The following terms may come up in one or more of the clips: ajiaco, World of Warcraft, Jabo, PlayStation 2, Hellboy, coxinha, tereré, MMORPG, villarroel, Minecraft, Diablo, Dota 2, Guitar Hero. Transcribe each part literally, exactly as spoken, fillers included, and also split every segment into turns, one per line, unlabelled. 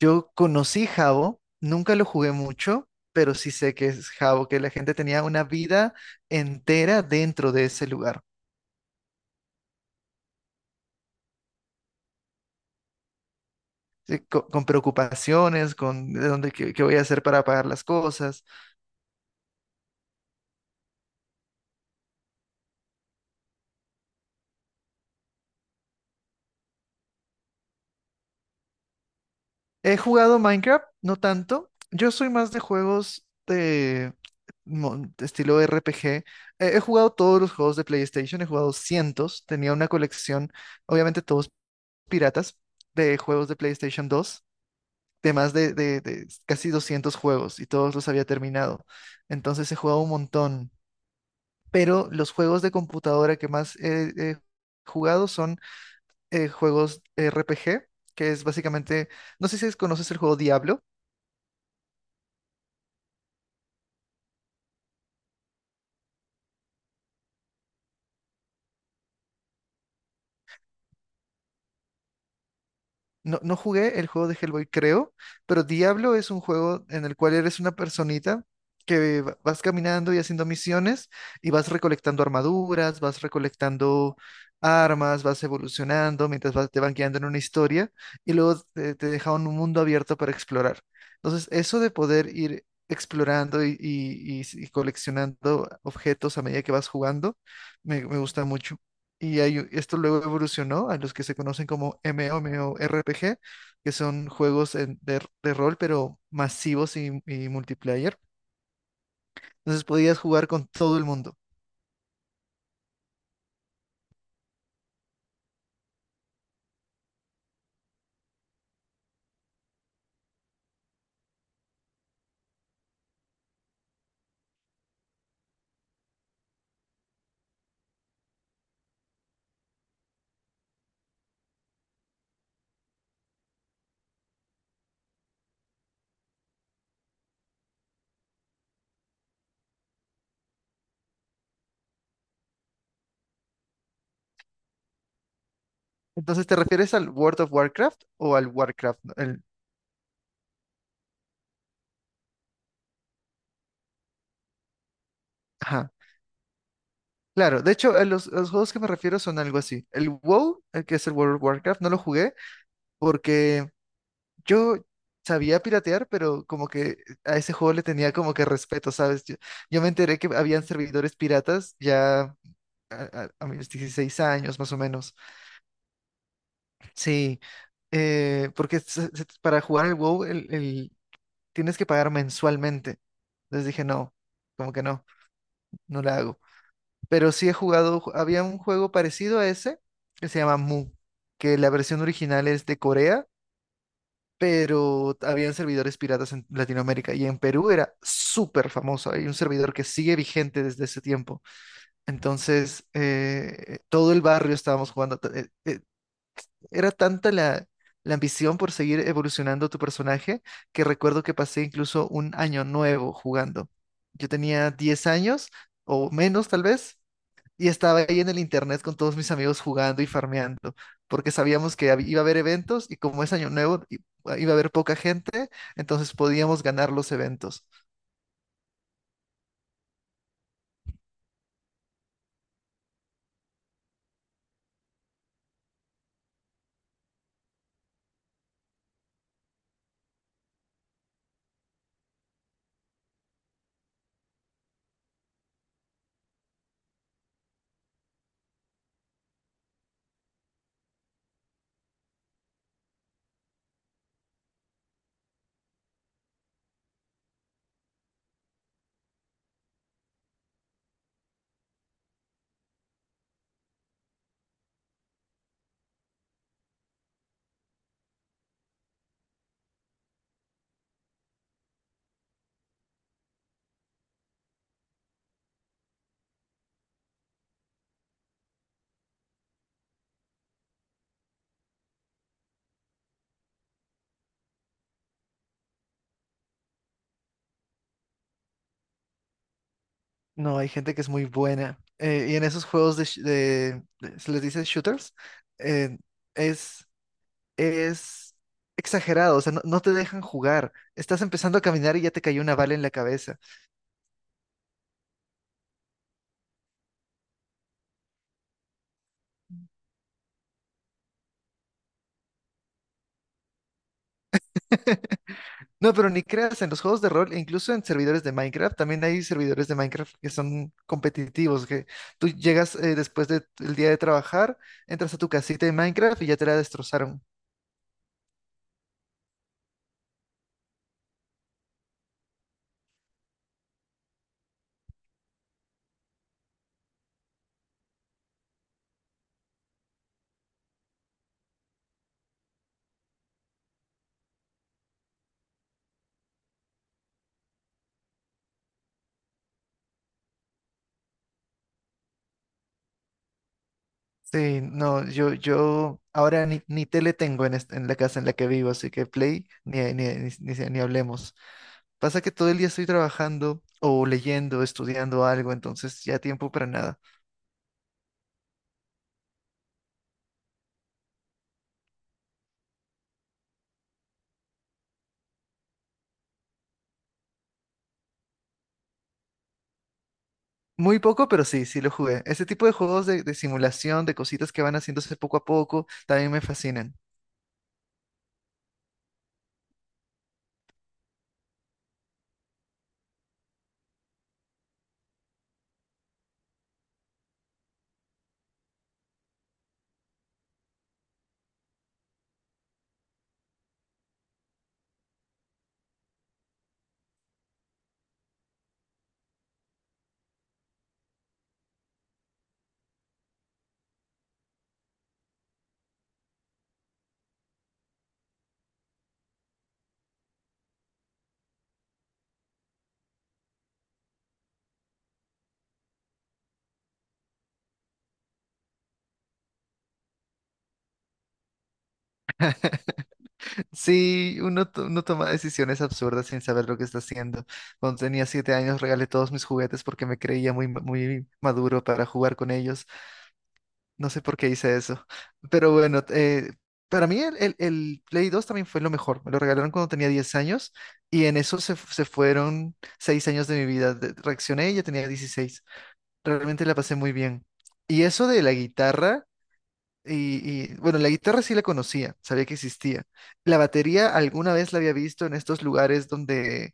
Yo conocí Jabo, nunca lo jugué mucho, pero sí sé que es Jabo, que la gente tenía una vida entera dentro de ese lugar, sí, co- con, preocupaciones, con de dónde, qué, qué voy a hacer para pagar las cosas. He jugado Minecraft, no tanto. Yo soy más de juegos de, mo- de estilo R P G. Eh, he jugado todos los juegos de PlayStation, he jugado cientos, tenía una colección, obviamente todos piratas, de juegos de PlayStation dos, de más de, de- de casi doscientos juegos y todos los había terminado. Entonces he jugado un montón. Pero los juegos de computadora que más he, he jugado son eh, juegos R P G, que es básicamente, no sé si conoces el juego Diablo. No, no jugué el juego de Hellboy, creo, pero Diablo es un juego en el cual eres una personita que va- vas caminando y haciendo misiones y vas recolectando armaduras, vas recolectando armas, vas evolucionando mientras vas- te van guiando en una historia y luego te, te deja un mundo abierto para explorar. Entonces, eso de poder ir explorando y, y- y- y coleccionando objetos a medida que vas jugando, me, me gusta mucho. Y hay u- esto luego evolucionó a los que se conocen como MMORPG, que son juegos en- de, de rol, pero masivos y, y multiplayer. Entonces podías jugar con todo el mundo. Entonces, ¿te refieres al World of Warcraft o al Warcraft? No, El- ajá. Claro, de hecho, a los, a los juegos que me refiero son algo así. El WoW, el que es el World of Warcraft, no lo jugué porque yo sabía piratear, pero como que a ese juego le tenía como que respeto, ¿sabes? Yo- yo me enteré que habían servidores piratas ya a, a- a mis dieciséis años más o menos. Sí, eh, porque se- se- para jugar el WoW el, el- tienes que pagar mensualmente. Entonces dije, no, como que no, no la hago. Pero sí he jugado, ju- había un juego parecido a ese que se llama Mu, que la versión original es de Corea, pero habían servidores piratas en Latinoamérica y en Perú era súper famoso. Hay un servidor que sigue vigente desde ese tiempo. Entonces, eh, todo el barrio estábamos jugando. ta- eh, eh, Era tanta la, la ambición por seguir evolucionando tu personaje que recuerdo que pasé incluso un año nuevo jugando. Yo tenía diez años o menos tal vez, y estaba ahí en el internet con todos mis amigos jugando y farmeando porque sabíamos que hab- iba a haber eventos y como es año nuevo i- iba a haber poca gente, entonces podíamos ganar los eventos. No, hay gente que es muy buena. Eh, y en esos juegos de, sh- de- de- se les dice shooters, eh, es es exagerado, o sea, no, no te dejan jugar. Estás empezando a caminar y ya te cayó una bala en la cabeza. No, pero ni creas, en los juegos de rol, e incluso en servidores de Minecraft, también hay servidores de Minecraft que son competitivos, que tú llegas eh, después del día de trabajar, entras a tu casita de Minecraft y ya te la destrozaron. Sí, no, yo, yo ahora ni, ni tele tengo en, est- en la casa en la que vivo, así que Play, ni, ni, ni, ni- ni hablemos. Pasa que todo el día estoy trabajando o leyendo, estudiando algo, entonces ya tiempo para nada. Muy poco, pero sí, sí lo jugué. Ese tipo de juegos de, de simulación, de cositas que van haciéndose poco a poco, también me fascinan. Sí, uno, to- uno toma decisiones absurdas sin saber lo que está haciendo. Cuando tenía siete años regalé todos mis juguetes porque me creía muy, ma- muy maduro para jugar con ellos. No sé por qué hice eso. Pero bueno, eh, para mí el, el- el Play dos también fue lo mejor. Me lo regalaron cuando tenía diez años y en eso se, se fueron seis años de mi vida. De- Reaccioné y ya tenía dieciséis. Realmente la pasé muy bien. Y eso de la guitarra, y, y, bueno, la guitarra sí la conocía, sabía que existía. La batería alguna vez la había visto en estos lugares donde,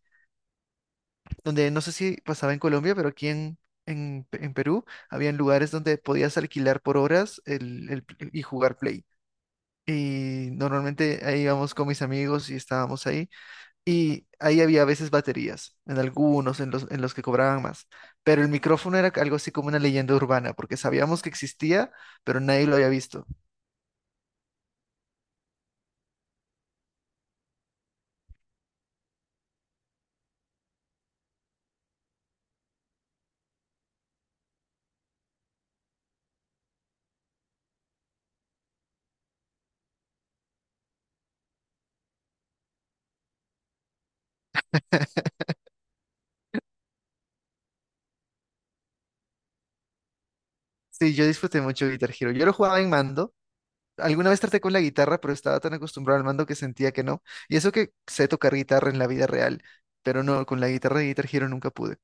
donde no sé si pasaba en Colombia, pero aquí en, en, en Perú. Habían lugares donde podías alquilar por horas el, el y jugar Play. Y normalmente ahí íbamos con mis amigos y estábamos ahí. Y ahí había a veces baterías, en algunos, en los, en los que cobraban más. Pero el micrófono era algo así como una leyenda urbana, porque sabíamos que existía, pero nadie lo había visto. Sí, yo disfruté mucho Guitar Hero. Yo lo jugaba en mando. Alguna vez traté con la guitarra, pero estaba tan acostumbrado al mando que sentía que no. Y eso que sé tocar guitarra en la vida real, pero no, con la guitarra de Guitar Hero nunca pude.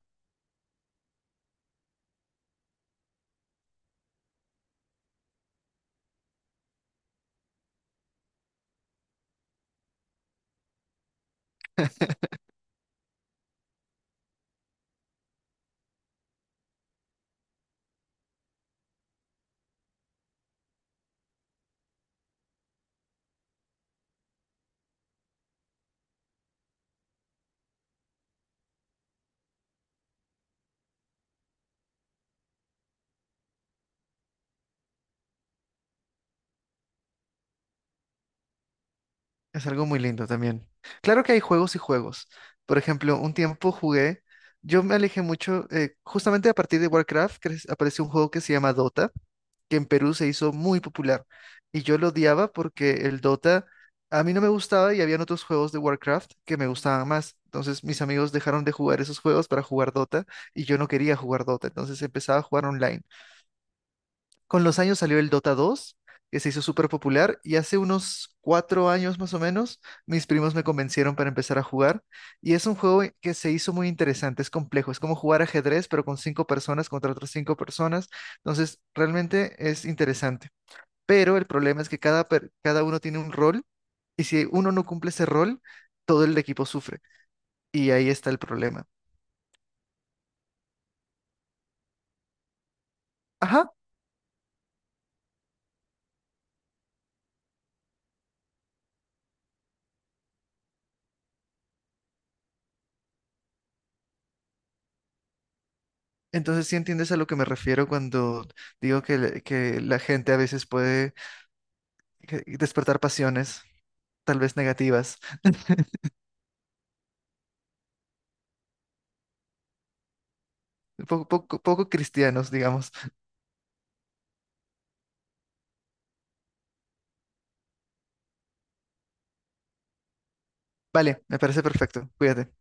Es algo muy lindo también. Claro que hay juegos y juegos. Por ejemplo, un tiempo jugué, yo me alejé mucho, eh, justamente a partir de Warcraft cre- apareció un juego que se llama Dota, que en Perú se hizo muy popular. Y yo lo odiaba porque el Dota a mí no me gustaba y habían otros juegos de Warcraft que me gustaban más. Entonces mis amigos dejaron de jugar esos juegos para jugar Dota y yo no quería jugar Dota. Entonces empezaba a jugar online. Con los años salió el Dota dos, que se hizo súper popular, y hace unos cuatro años más o menos, mis primos me convencieron para empezar a jugar, y es un juego que se hizo muy interesante, es complejo, es como jugar ajedrez, pero con cinco personas contra otras cinco personas, entonces realmente es interesante. Pero el problema es que cada, per- cada uno tiene un rol, y si uno no cumple ese rol, todo el equipo sufre, y ahí está el problema. Ajá, entonces sí entiendes a lo que me refiero cuando digo que, le- que la gente a veces puede que- y despertar pasiones, tal vez negativas, poco, poco, poco cristianos, digamos. Vale, me parece perfecto. Cuídate.